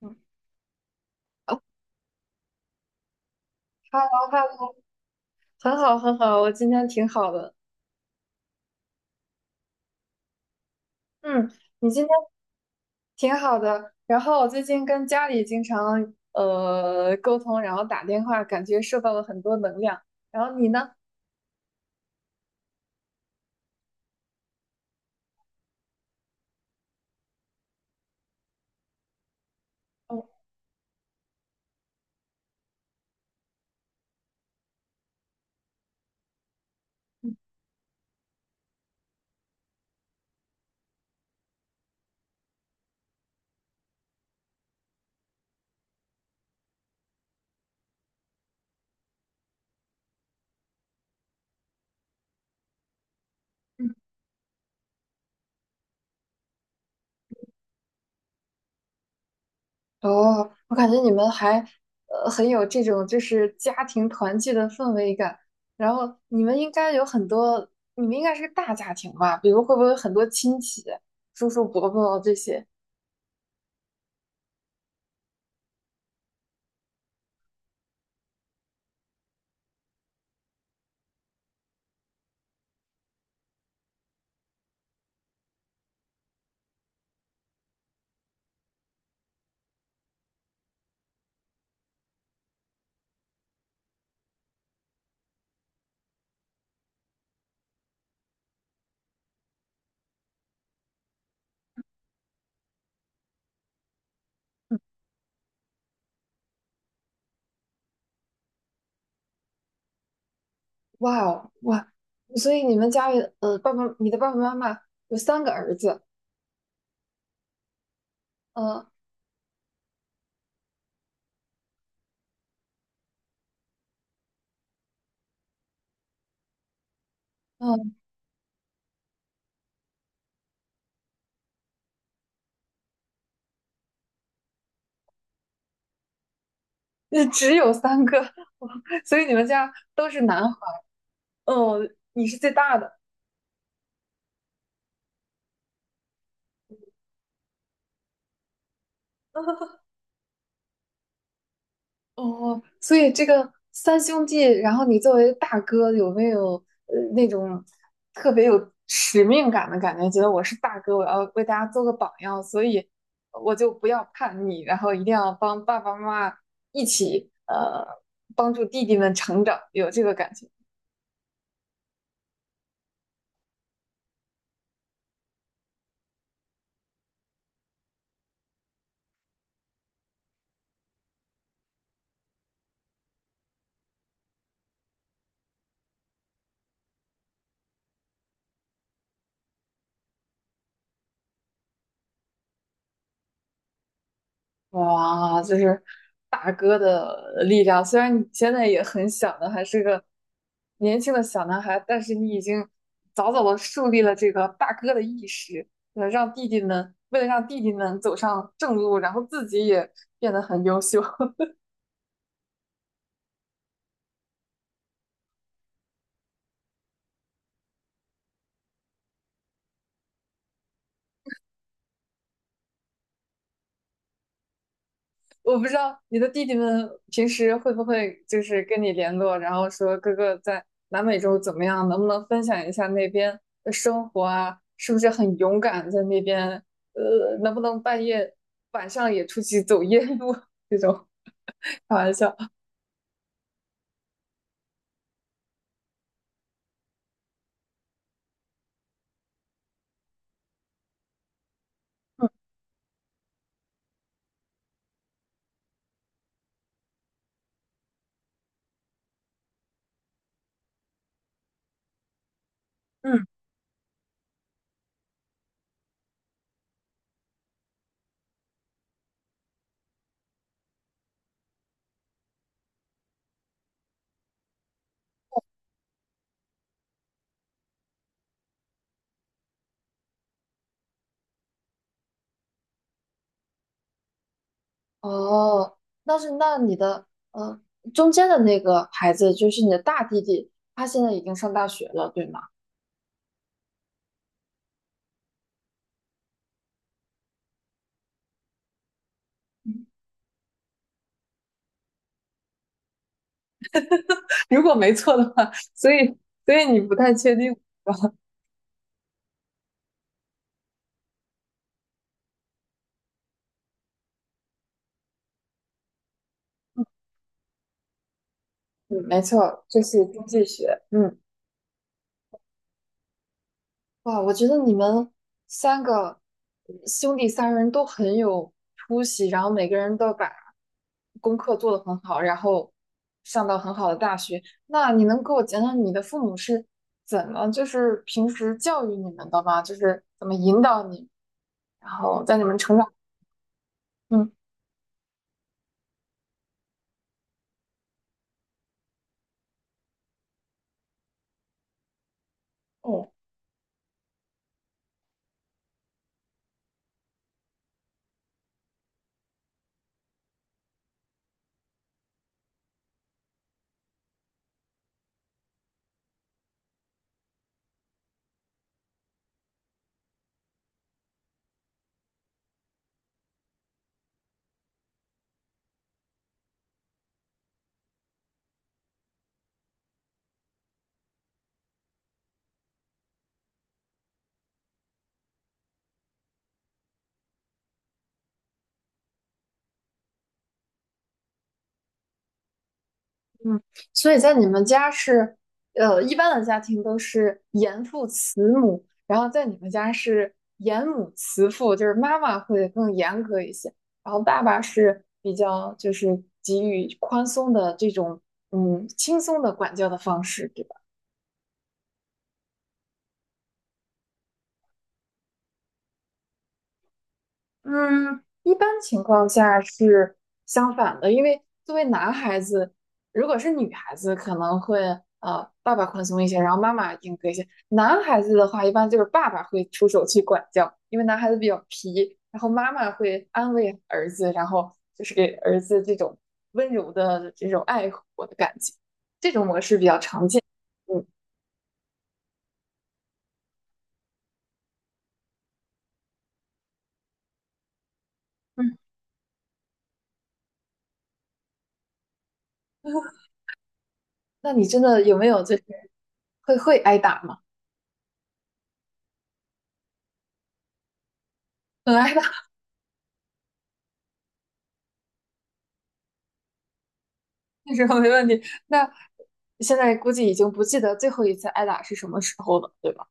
嗯哦，Hello Hello，很好很好，我今天挺好的。嗯，你今天挺好的。然后我最近跟家里经常沟通，然后打电话，感觉受到了很多能量。然后你呢？哦嗯嗯哦，我感觉你们还很有这种就是家庭团聚的氛围感。然后你们应该有很多，你们应该是个大家庭吧？比如会不会有很多亲戚、叔叔伯伯这些？哇哦，哇！所以你们家里爸爸，你的爸爸妈妈有三个儿子，嗯嗯，那只有三个，所以你们家都是男孩儿，哦，你是最大的，哦，所以这个三兄弟，然后你作为大哥，有没有那种特别有使命感的感觉？觉得我是大哥，我要为大家做个榜样，所以我就不要叛逆，然后一定要帮爸爸妈妈一起帮助弟弟们成长，有这个感觉。哇，就是大哥的力量。虽然你现在也很小呢，还是个年轻的小男孩，但是你已经早早的树立了这个大哥的意识，让弟弟们，为了让弟弟们走上正路，然后自己也变得很优秀。我不知道你的弟弟们平时会不会就是跟你联络，然后说哥哥在南美洲怎么样，能不能分享一下那边的生活啊？是不是很勇敢在那边？能不能半夜晚上也出去走夜路 这种？开玩笑。嗯，嗯哦，那是那你的呃中间的那个孩子就是你的大弟弟，他现在已经上大学了，对吗？如果没错的话，所以你不太确定嗯，没错，就是经济学。嗯，哇，我觉得你们三个兄弟三人都很有出息，然后每个人都把功课做得很好，然后上到很好的大学。那你能给我讲讲你的父母是怎么，就是平时教育你们的吗？就是怎么引导你，然后在你们成长。嗯，嗯，所以在你们家是，一般的家庭都是严父慈母，然后在你们家是严母慈父，就是妈妈会更严格一些，然后爸爸是比较就是给予宽松的这种，嗯，轻松的管教的方式，嗯，一般情况下是相反的，因为作为男孩子，如果是女孩子，可能会爸爸宽松一些，然后妈妈严格一些。男孩子的话，一般就是爸爸会出手去管教，因为男孩子比较皮，然后妈妈会安慰儿子，然后就是给儿子这种温柔的这种爱护的感觉，这种模式比较常见。嗯，嗯，那你真的有没有就是会挨打吗？很挨打 那时候没问题。那现在估计已经不记得最后一次挨打是什么时候了，对吧？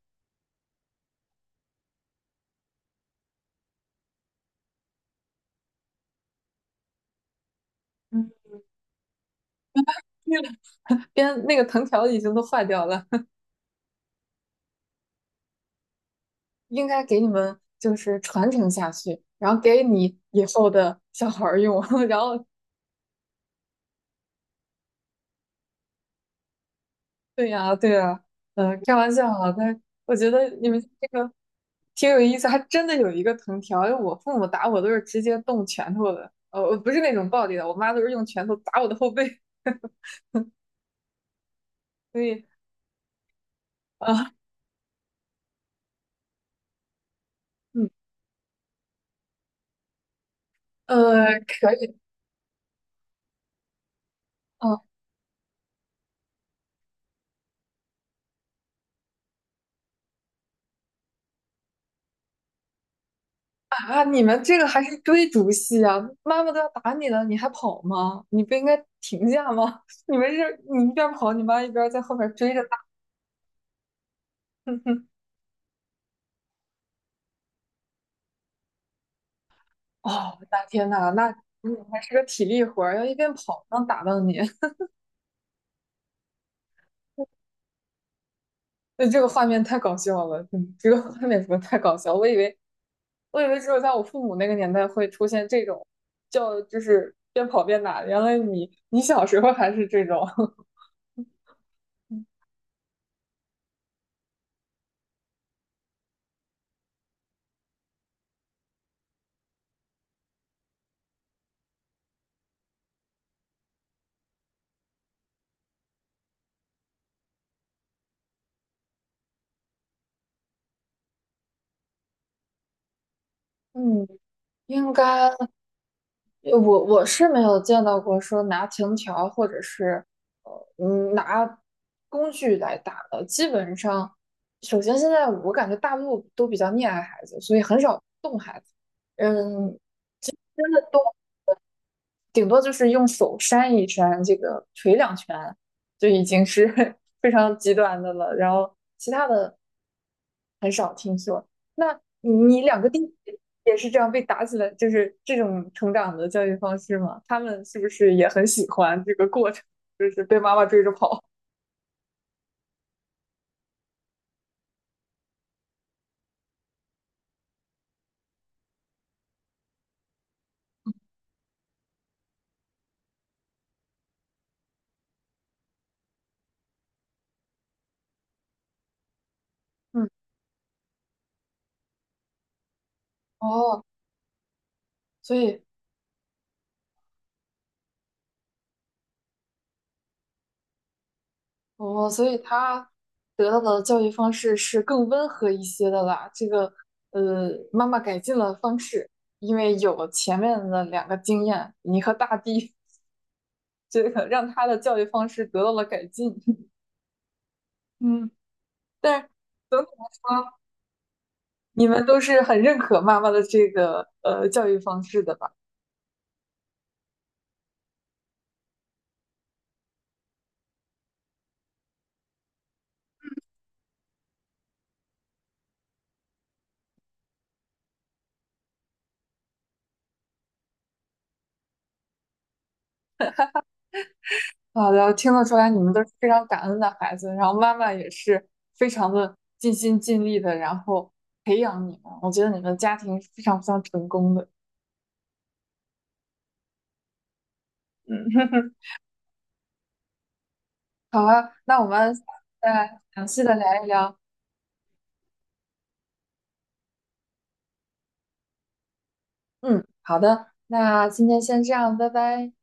嗯，那个 边那个藤条已经都坏掉了，应该给你们就是传承下去，然后给你以后的小孩儿用。然后，对呀，对呀，开玩笑啊，但我觉得你们这个挺有意思，还真的有一个藤条。因为我父母打我都是直接动拳头的，我不是那种暴力的，我妈都是用拳头打我的后背，所以啊。嗯可以，嗯啊，你们这个还是追逐戏啊？妈妈都要打你了，你还跑吗？你不应该停下吗？你们是，你一边跑，你妈一边在后面追着打。哼哼，哦，我的天呐，那你还是个体力活儿，要一边跑能打到你，那这个画面太搞笑了，嗯，这个画面怎么太搞笑？我以为只有在我父母那个年代会出现这种，叫就是边跑边打，原来你小时候还是这种，嗯。应该，我是没有见到过说拿藤条或者是拿工具来打的，基本上，首先现在我感觉大陆都比较溺爱孩子，所以很少动孩子。嗯，真的顶多就是用手扇一扇，这个捶两拳，就已经是 非常极端的了。然后其他的很少听说。那你两个弟弟也是这样被打起来，就是这种成长的教育方式吗？他们是不是也很喜欢这个过程，就是被妈妈追着跑？嗯，哦，所以哦，所以他得到的教育方式是更温和一些的啦。这个妈妈改进了方式，因为有前面的两个经验，你和大地，这个让他的教育方式得到了改进。嗯，但是总体来说，你们都是很认可妈妈的这个教育方式的吧？好的，听得出来你们都是非常感恩的孩子，然后妈妈也是非常的尽心尽力的，然后培养你们。我觉得你们的家庭是非常非常成功的。嗯，好啊，那我们下次再详细的聊一聊。嗯，好的，那今天先这样，拜拜。